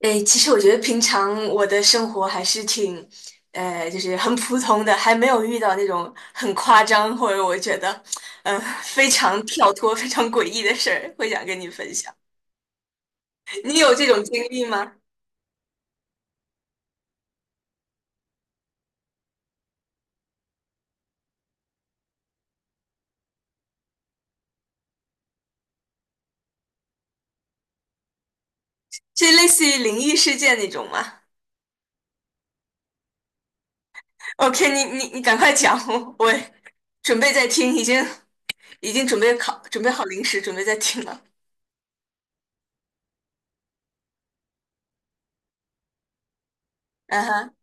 诶，其实我觉得平常我的生活还是挺，就是很普通的，还没有遇到那种很夸张或者我觉得，非常跳脱、非常诡异的事儿，会想跟你分享。你有这种经历吗？是类似于灵异事件那种吗？OK,你赶快讲，我准备在听，已经准备准备好零食，准备在听了。嗯哼。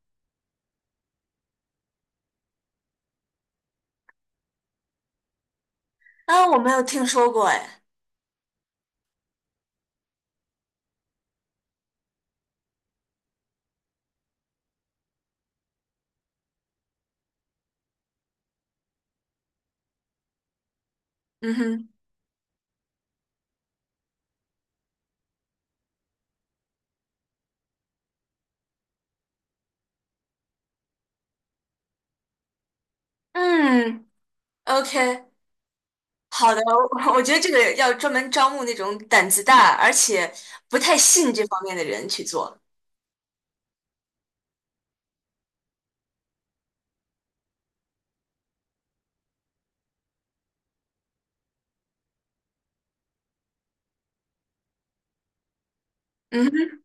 啊，我没有听说过。哎。嗯哼。嗯，OK,好的，我觉得这个要专门招募那种胆子大，而且不太信这方面的人去做。嗯哼。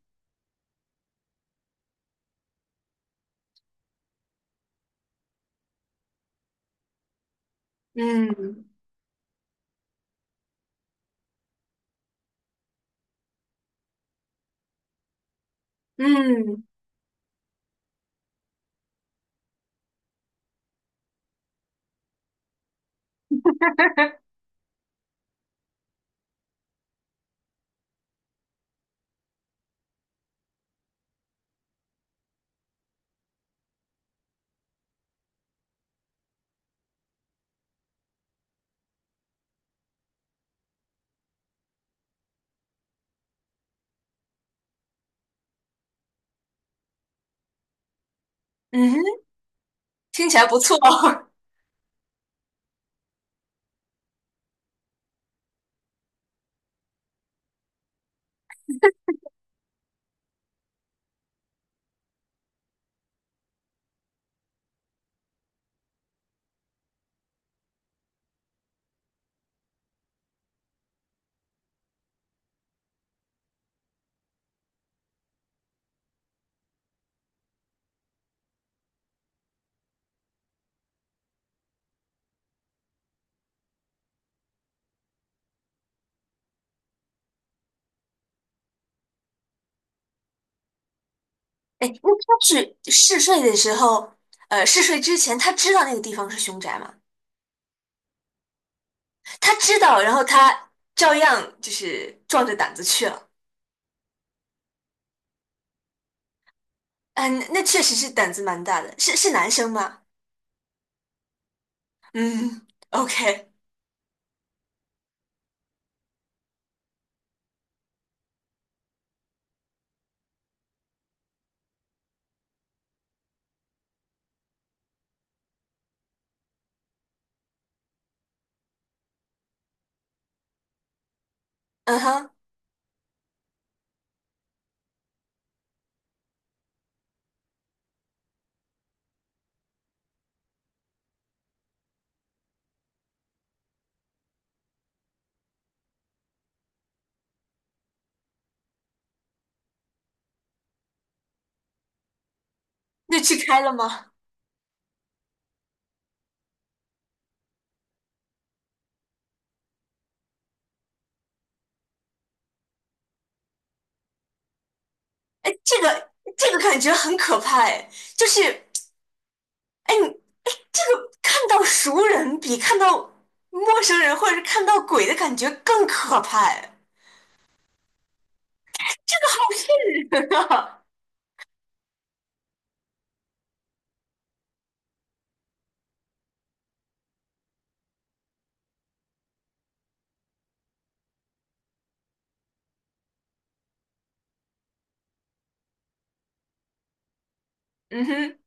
嗯嗯嗯哼。听起来不错。哎，那他是嗜睡的时候，呃，嗜睡之前他知道那个地方是凶宅吗？他知道，然后他照样就是壮着胆子去了。嗯，那确实是胆子蛮大的。是是男生吗？嗯，OK。嗯哼。那去开了吗？哎，这个感觉很可怕哎，就是哎你哎，这个看到熟人比看到陌生人或者是看到鬼的感觉更可怕哎，这个好瘆人啊！嗯哼。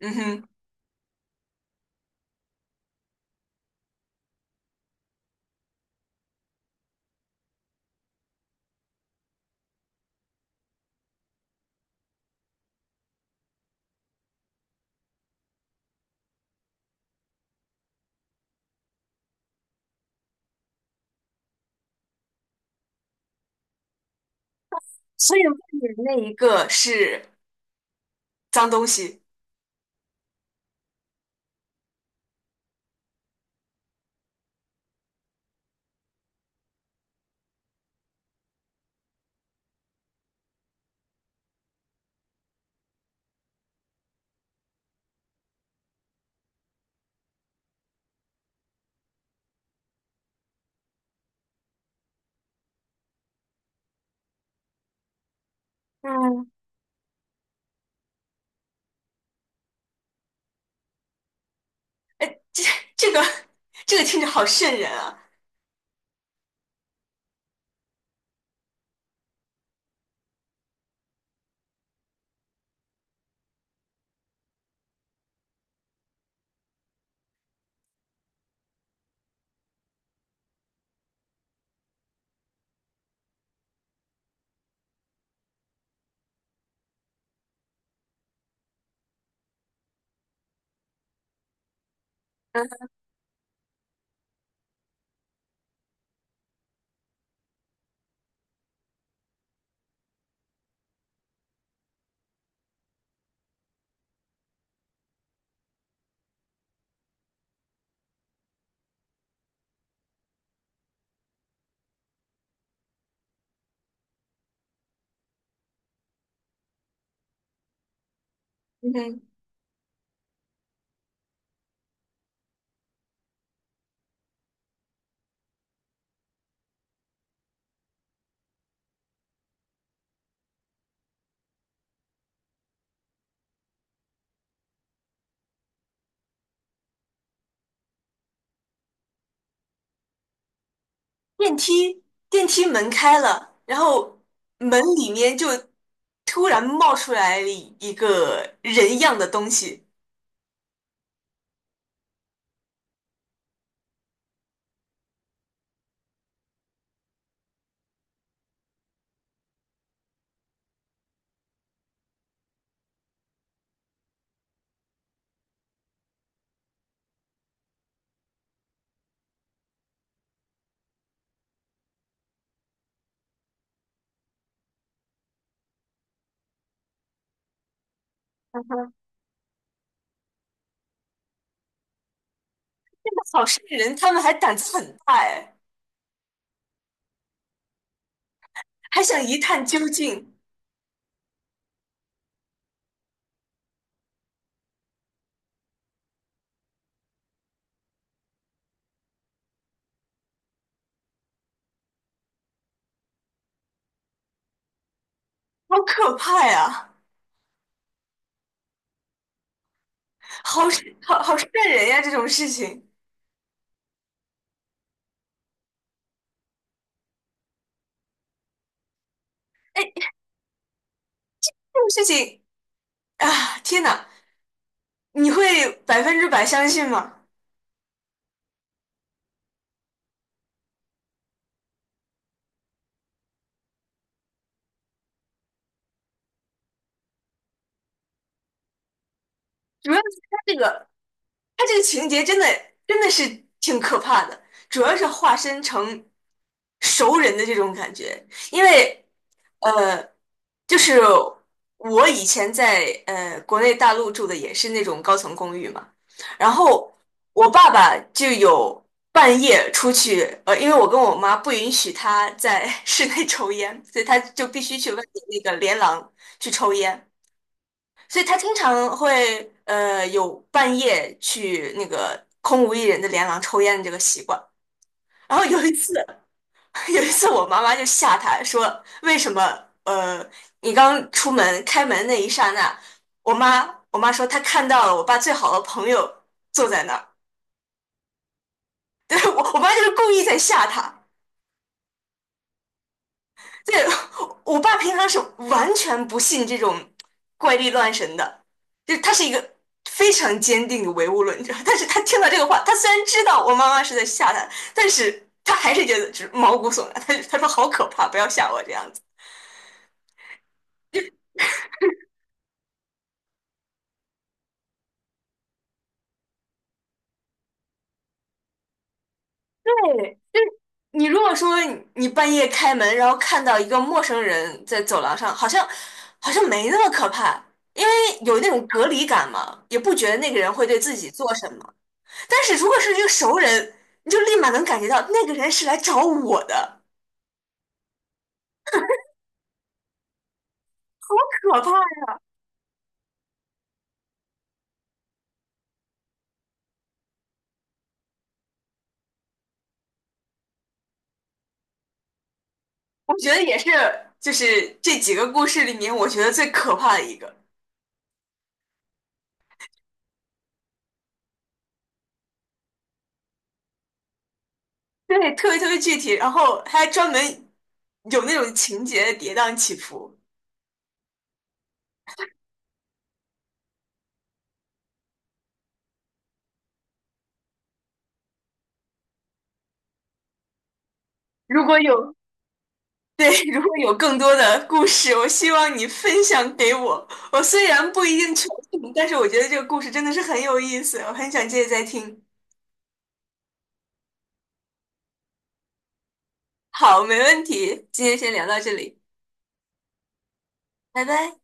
嗯哼。所以外面那一个是脏东西。嗯，这这个这个听着好瘆人啊！嗯哼。电梯电梯门开了，然后门里面就突然冒出来了一个人样的东西。嗯哼，这个好渗人，他们还胆子很大哎，还想一探究竟。好可怕呀，好渗好好渗人呀！这种事情，哎，这种事情，啊，天呐，你会百分之百相信吗？主要是他这个，他这个情节真的是挺可怕的，主要是化身成熟人的这种感觉，因为。呃，就是我以前在国内大陆住的也是那种高层公寓嘛，然后我爸爸就有半夜出去，呃，因为我跟我妈不允许他在 室内抽烟，所以他就必须去外面那个连廊去抽烟，所以他经常会有半夜去那个空无一人的连廊抽烟的这个习惯。然后有一次。有一次，我妈妈就吓他说："为什么？呃，你刚出门开门那一刹那，我妈说她看到了我爸最好的朋友坐在那儿。对，我妈就是故意在吓他。对，我爸平常是完全不信这种怪力乱神的，就他是一个非常坚定的唯物论者。但是他听到这个话，他虽然知道我妈妈是在吓他，但是他还是觉得就是毛骨悚然。他说好可怕，不要吓我这样子。对。你如果说你半夜开门，然后看到一个陌生人在走廊上，好像没那么可怕，因为有那种隔离感嘛，也不觉得那个人会对自己做什么。但是如果是一个熟人，你就立马能感觉到那个人是来找我的，可怕呀！我觉得也是，就是这几个故事里面，我觉得最可怕的一个，对，特别特别具体，然后还专门有那种情节的跌宕起伏。如果有。对，如果有更多的故事，我希望你分享给我。我虽然不一定全信，但是我觉得这个故事真的是很有意思，我很想接着再听。好，没问题，今天先聊到这里，拜拜。